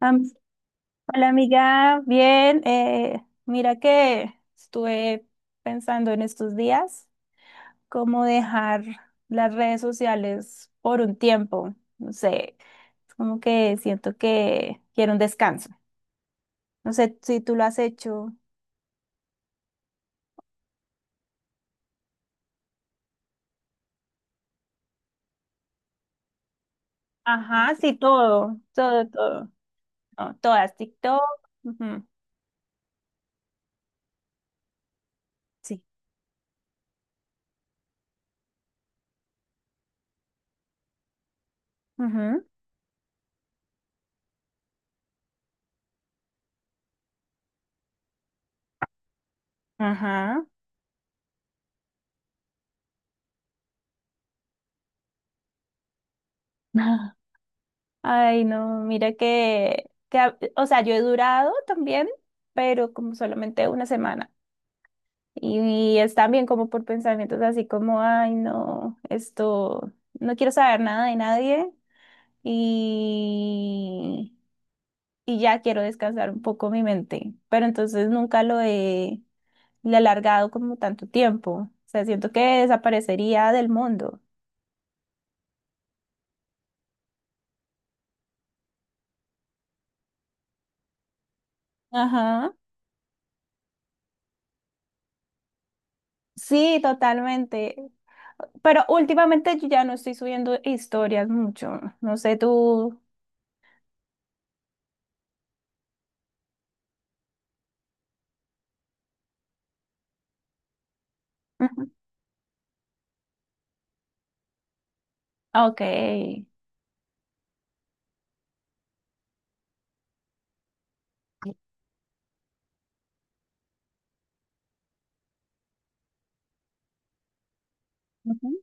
Am- Hola amiga, bien. Mira que estuve pensando en estos días cómo dejar las redes sociales por un tiempo. No sé, es como que siento que quiero un descanso. No sé si tú lo has hecho. Ajá, sí, todo, todo, todo. No, todas, TikTok. Ujú. Sí. Ujú. Ajá. Ay, no, mira que, o sea, yo he durado también, pero como solamente una semana. Y es también como por pensamientos así como, ay, no, esto, no quiero saber nada de nadie y, y ya quiero descansar un poco mi mente. Pero entonces nunca le he alargado como tanto tiempo. O sea, siento que desaparecería del mundo. Ajá. Sí, totalmente. Pero últimamente yo ya no estoy subiendo historias mucho. No sé tú. Ujú. Ok. Ujú.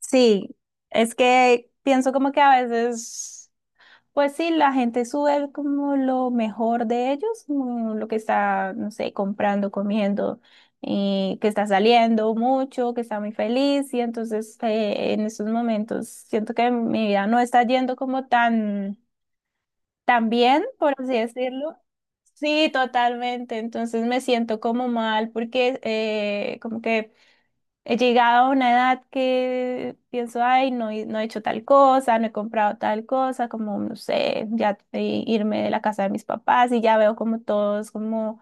Sí, es que pienso como que a veces, pues sí, la gente sube como lo mejor de ellos, como lo que está, no sé, comprando, comiendo, y que está saliendo mucho, que está muy feliz, y entonces en esos momentos siento que mi vida no está yendo como tan... también, por así decirlo. Sí, totalmente. Entonces me siento como mal porque como que he llegado a una edad que pienso, ay, no, no he hecho tal cosa, no he comprado tal cosa, como, no sé, ya irme de la casa de mis papás y ya veo como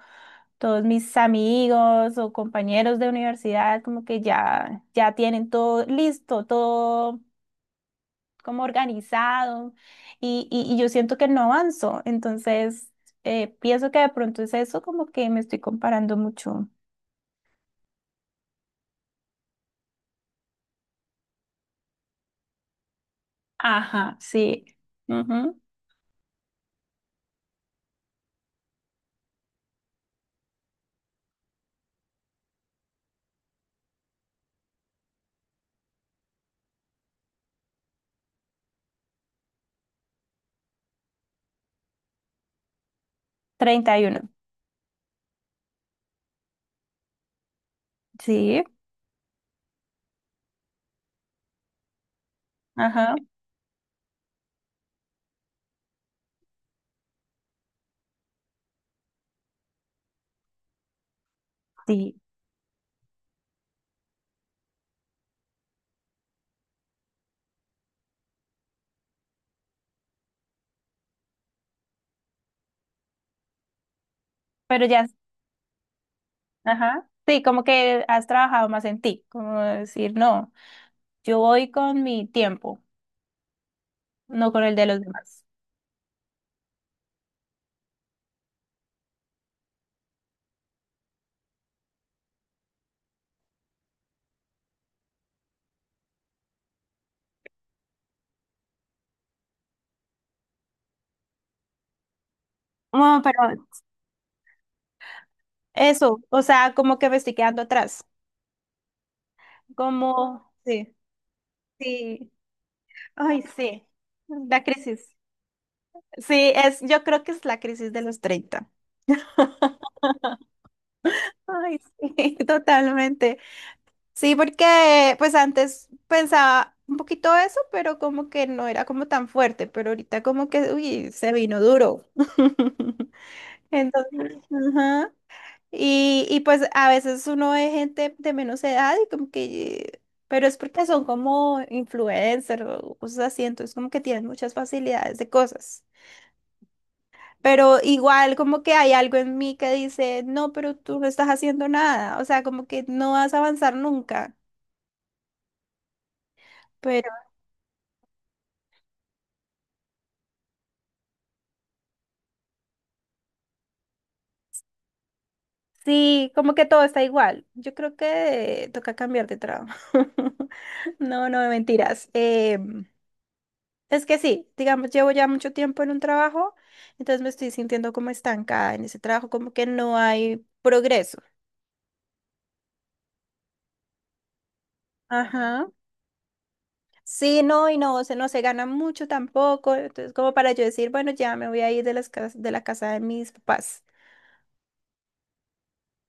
todos mis amigos o compañeros de universidad, como que ya tienen todo listo, todo como organizado y, y yo siento que no avanzo. Entonces, pienso que de pronto es eso, como que me estoy comparando mucho. Ajá, sí. Ujú. 31. Sí, ajá, sí. Pero ya, ajá. Sí, como que has trabajado más en ti, como decir, no, yo voy con mi tiempo, no con el de los demás. No, pero eso, o sea, como que me estoy quedando atrás. Como, sí, sí. Ay, sí. La crisis. Sí, es, yo creo que es la crisis de los 30. Ay, sí, totalmente. Sí, porque pues antes pensaba un poquito eso, pero como que no era como tan fuerte, pero ahorita como que, uy, se vino duro. Entonces, ajá. Y pues a veces uno ve gente de menos edad y como que, pero es porque son como influencers o cosas así, entonces como que tienen muchas facilidades de cosas. Pero igual como que hay algo en mí que dice, no, pero tú no estás haciendo nada, o sea, como que no vas a avanzar nunca. Pero sí, como que todo está igual. Yo creo que toca cambiar de trabajo. No, no, mentiras. Es que sí, digamos, llevo ya mucho tiempo en un trabajo, entonces me estoy sintiendo como estancada en ese trabajo, como que no hay progreso. Ajá. Sí, no, no se gana mucho tampoco. Entonces, como para yo decir, bueno, ya me voy a ir de las de la casa de mis papás,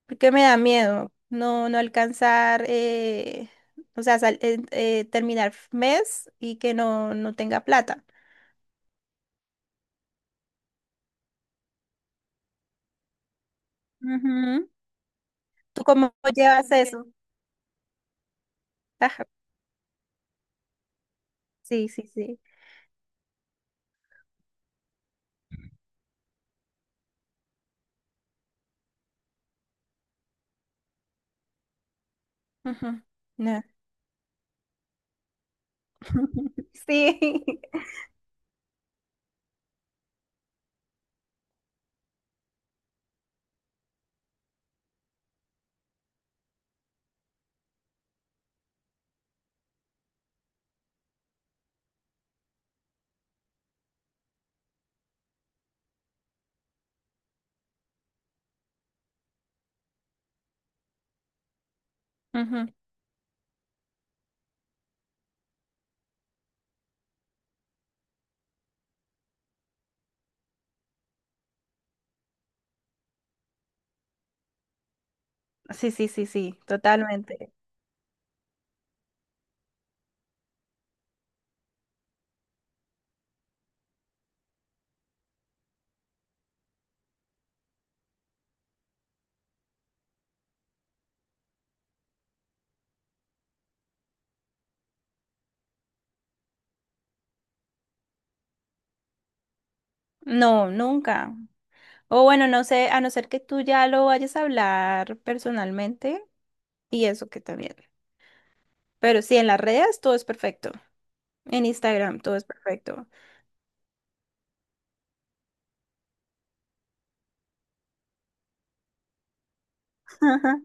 porque me da miedo no, no alcanzar, o sea, terminar mes y que no, no tenga plata. Ujú. ¿Tú cómo llevas? Ok. ¿Eso? Ajá. Sí, sí, sí. Ujú. No. Sí. Ujú. Sí, sí, sí, sí, totalmente. No, nunca. O bueno, no sé, a no ser que tú ya lo vayas a hablar personalmente, y eso que también. Pero sí, en las redes todo es perfecto. En Instagram todo es perfecto. Ajá.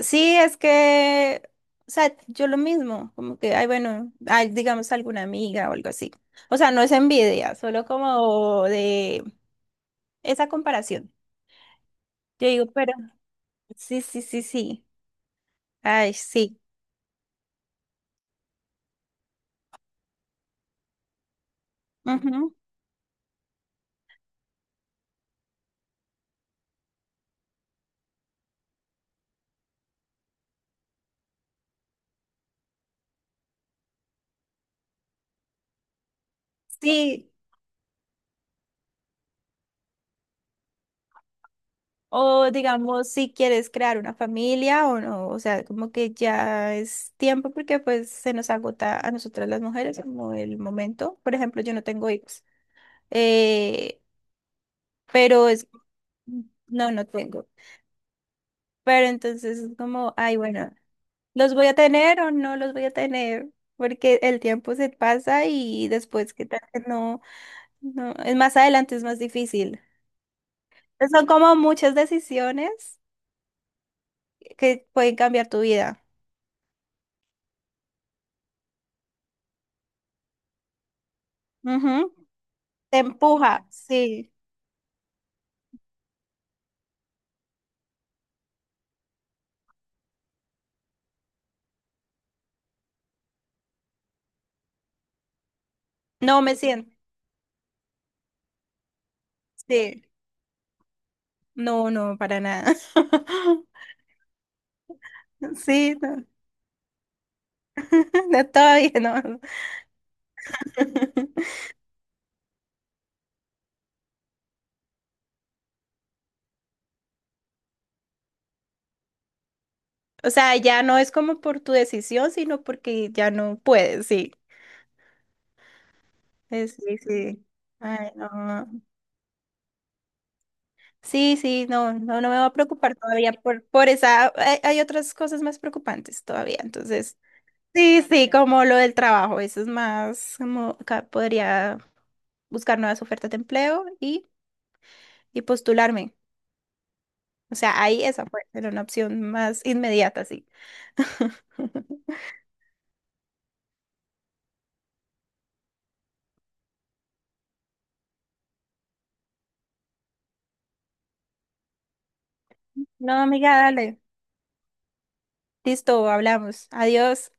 Sí, es que, o sea, yo lo mismo, como que, ay, bueno, ay, digamos alguna amiga o algo así. O sea, no es envidia, solo como de esa comparación. Yo digo, pero sí, sí, sí, sí. Ay, sí. Ujú. Sí. O digamos, si quieres crear una familia o no, o sea, como que ya es tiempo porque pues se nos agota a nosotras las mujeres como el momento. Por ejemplo, yo no tengo hijos, eh, pero es, no, no tengo. Pero entonces es como, ay, bueno, ¿los voy a tener o no los voy a tener? Porque el tiempo se pasa y después, ¿qué tal que no? No, es más adelante, es más difícil. Son como muchas decisiones que pueden cambiar tu vida. Te empuja, sí. No me siento, sí. No, no, para nada. Sí, no. No, todavía no. O sea, ya no es como por tu decisión, sino porque ya no puedes, sí. Sí, sí. Ay, no. Sí, sí, no, no, no me va a preocupar todavía por esa. Hay otras cosas más preocupantes todavía, entonces. Sí, sí, como lo del trabajo, eso es más, podría buscar nuevas ofertas de empleo y postularme. O sea, ahí esa fue, era una opción más inmediata, sí. No, amiga, dale. Listo, hablamos. Adiós.